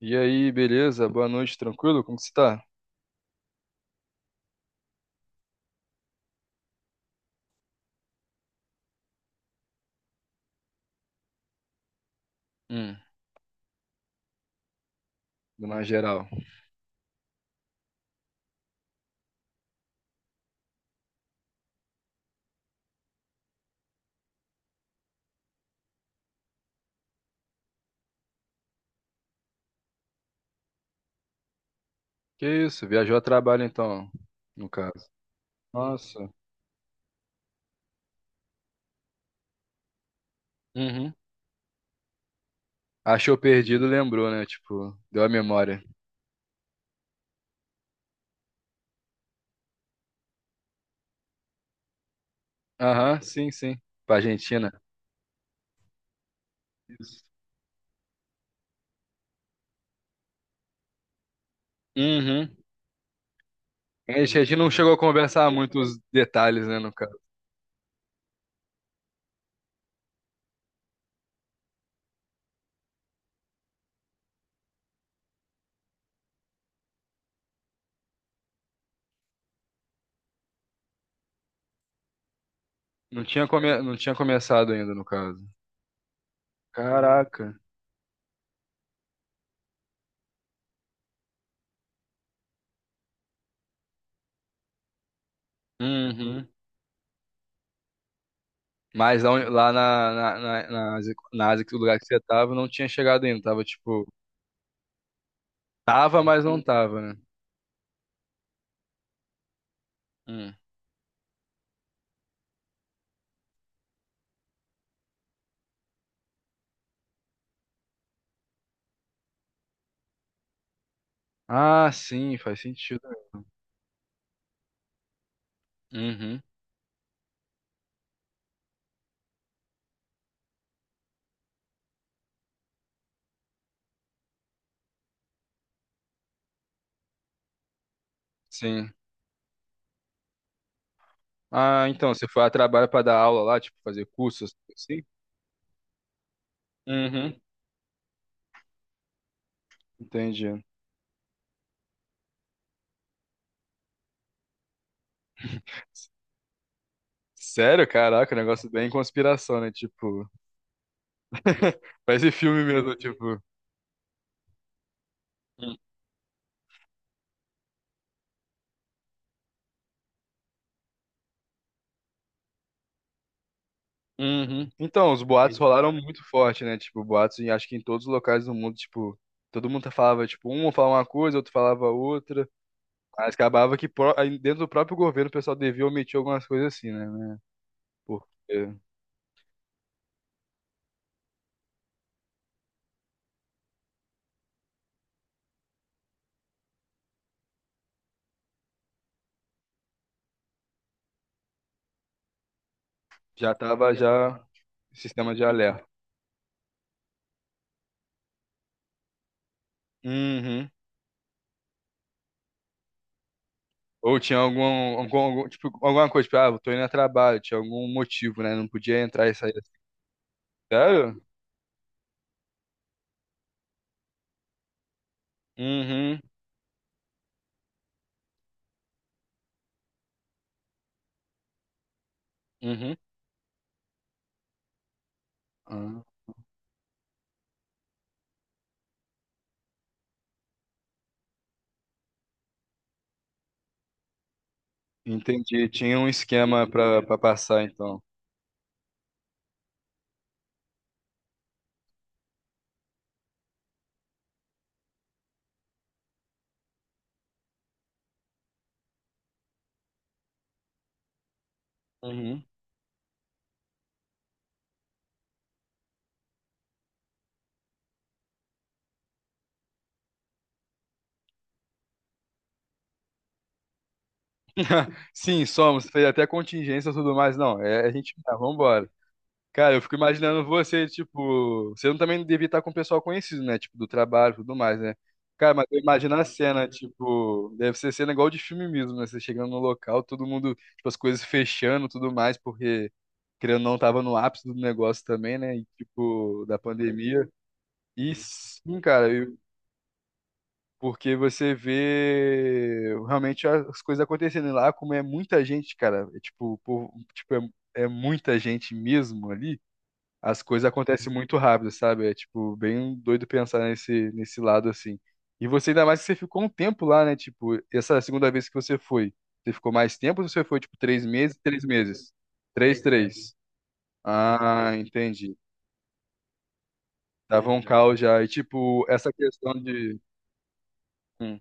E aí, beleza? Boa noite, tranquilo? Como que você tá? Hum. Dona geral. Que isso? Viajou a trabalho então, no caso. Nossa. Uhum. Achou perdido, lembrou, né? Tipo, deu a memória. Aham, sim, sim. Pra Argentina. Isso. Uhum. A gente não chegou a conversar muito os detalhes, né, no caso. Não tinha, come... não tinha começado ainda, no caso. Caraca. Uhum. Mas lá, onde- lá na Ásia, na Ásia, que o lugar que você tava, não tinha chegado ainda. Tava, tipo. Tava, mas não tava, né? Hum. Ah, sim, faz sentido. Uhum. Sim. Ah, então, você foi a trabalho pra dar aula lá, tipo, fazer cursos, assim? Uhum. Entendi. Sério, caraca, um negócio bem conspiração, né? Tipo, parece filme mesmo, tipo. Hum. Uhum. Então, os boatos rolaram muito forte, né? Tipo, boatos, em- acho que em todos os locais do mundo, tipo, todo mundo falava, tipo, um falava uma coisa, outro falava outra. Mas acabava que pró- aí dentro do próprio governo o pessoal devia omitir algumas coisas assim, né? Por Já tava já sistema de alerta. Uhum. Ou tinha algum, algum- tipo, alguma coisa, tipo, ah, eu tô indo a trabalho, tinha algum motivo, né? Não podia entrar e sair assim. Sério? Uhum, uhum. Ah, entendi. Tinha um esquema pra passar, então. Uhum. Sim, somos, fez até contingência e tudo mais. Não, é a gente, tá, vambora. Cara, eu fico imaginando você, tipo, você não também devia estar com o pessoal conhecido, né? Tipo, do trabalho e tudo mais, né? Cara, mas eu imagino a cena, tipo, deve ser cena igual de filme mesmo, né? Você chegando no local, todo mundo, tipo, as coisas fechando e tudo mais, porque, querendo ou não, tava no ápice do negócio também, né? E, tipo, da pandemia. E sim, cara, eu- porque você vê realmente as coisas acontecendo. E lá, como é muita gente, cara. É, tipo, por, tipo, é muita gente mesmo ali, as coisas acontecem muito rápido, sabe? É tipo bem doido pensar nesse lado assim. E você ainda mais que você ficou um tempo lá, né? Tipo, essa segunda vez que você foi, você ficou mais tempo ou você foi tipo 3 meses? 3 meses. Três, três. Ah, entendi. Tava um caos já. E tipo, essa questão de. Hum,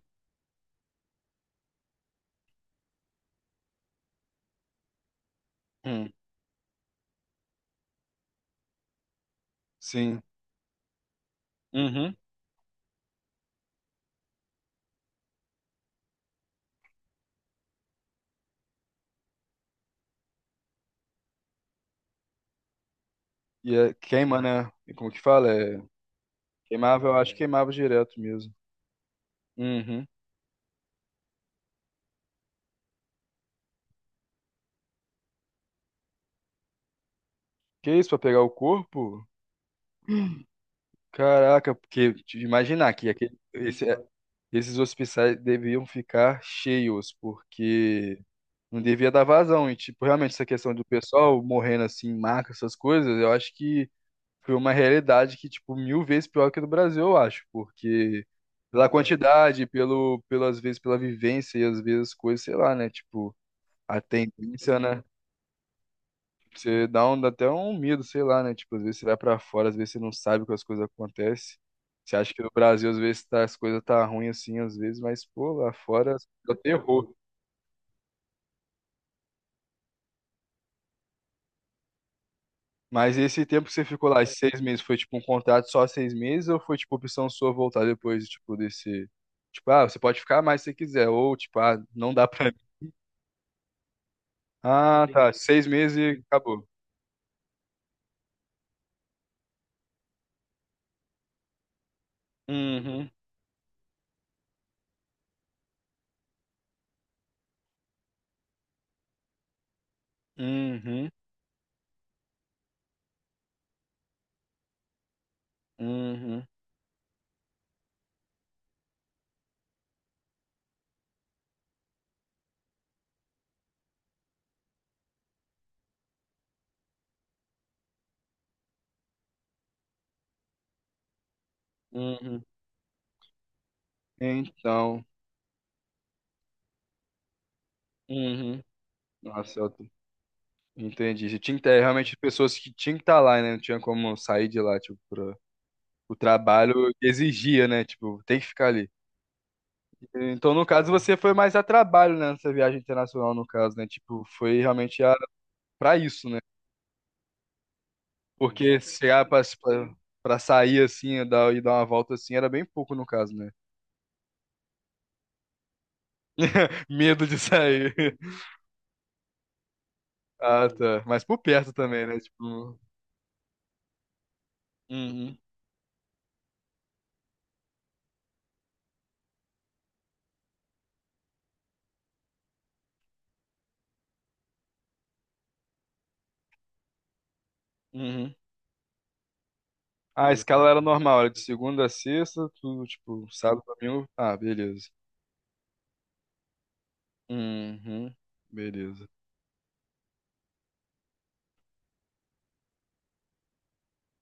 hum, sim. Uhum. E é, queima, né? E como que fala? É, queimava, eu acho que queimava direto mesmo. Uhum. Que isso, pra pegar o corpo? Caraca, porque te imaginar que aquele, esse esses hospitais deviam ficar cheios, porque não devia dar vazão. E, tipo, realmente, essa questão do pessoal morrendo assim, em maca, essas coisas, eu acho que foi uma realidade que, tipo, 1.000 vezes pior que a do Brasil, eu acho, porque pela quantidade, pelo, pelas vezes, pela vivência e às vezes coisas, sei lá, né? Tipo, a tendência, né? Você dá, um, dá até um medo, sei lá, né? Tipo, às vezes você vai pra fora, às vezes você não sabe que as coisas acontecem. Você acha que no Brasil, às vezes, tá, as coisas tá ruim assim, às vezes, mas, pô, lá fora é o terror. Mas esse tempo que você ficou lá, esses 6 meses, foi tipo um contrato só 6 meses ou foi tipo opção sua voltar depois, tipo, desse. Tipo, ah, você pode ficar mais se você quiser, ou tipo, ah, não dá pra mim. Ah, tá, 6 meses e acabou. Uhum, uhum, uhum, uhum. Então, uhum. Nossa, eu Entendi. Você tinha que ter realmente pessoas que tinham que estar lá, né? Não tinha como sair de lá, tipo, pra... o trabalho exigia, né? Tipo, tem que ficar ali. Então, no caso, você foi mais a trabalho, né? Nessa viagem internacional, no caso, né? Tipo, foi realmente a... pra isso, né? Porque chegar pra, sair assim dar, e dar uma volta assim era bem pouco, no caso, né? Medo de sair. Ah, tá. Mas por perto também, né? Tipo. Uhum, uhum. Ah, a escala era normal, era de segunda a sexta, tudo, tipo, sábado, domingo. Ah, beleza. Uhum, beleza.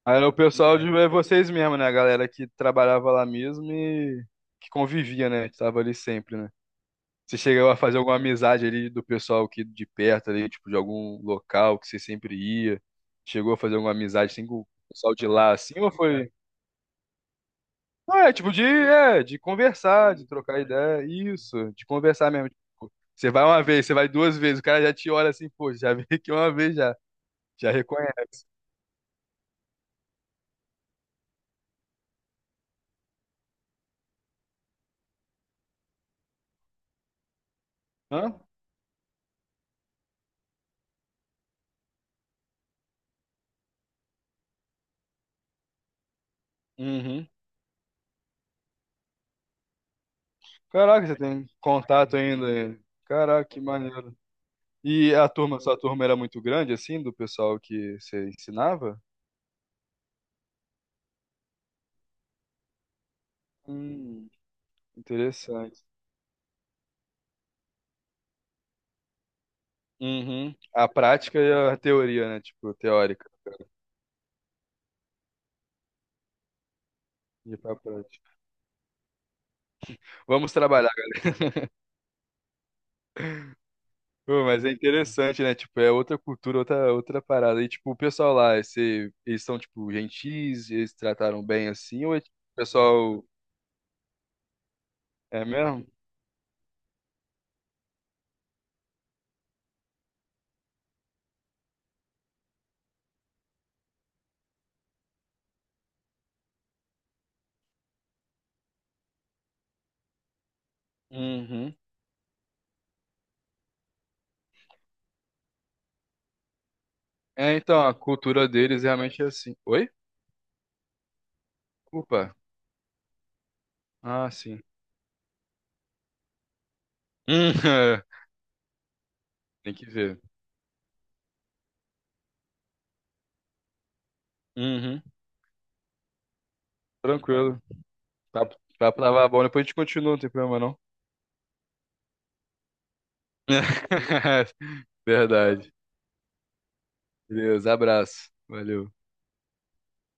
Aí era o pessoal de é vocês mesmo, né? A galera que trabalhava lá mesmo e que convivia, né? Que tava ali sempre, né? Você chegou a fazer alguma amizade ali do pessoal que de perto ali, tipo, de algum local que você sempre ia? Chegou a fazer alguma amizade assim com o pessoal de lá, assim, ou foi? Ah, é, tipo, de, é, de conversar, de trocar ideia, isso, de conversar mesmo. Tipo, você vai uma vez, você vai 2 vezes, o cara já te olha assim, pô, já veio aqui uma vez já, já reconhece. Hã? Uhum. Caraca, você tem contato ainda? Caraca, que maneiro. E a turma, sua turma era muito grande, assim, do pessoal que você ensinava? Hum, interessante. Uhum. A prática e a teoria, né? Tipo, teórica. E pra prática. Vamos trabalhar. Pô, mas é interessante, né? Tipo, é outra cultura, outra, outra parada. E, tipo, o pessoal lá, esse, eles são, tipo, gentis, eles se trataram bem assim, ou é, tipo, o pessoal. É mesmo? Uhum. É, então, a cultura deles realmente é assim. Oi? Opa. Ah, sim. Hum. Tem que ver. Uhum. Tranquilo. Tá, tá pra lavar a bola, depois a gente continua, não tem problema não. Verdade. Beleza, abraço. Valeu.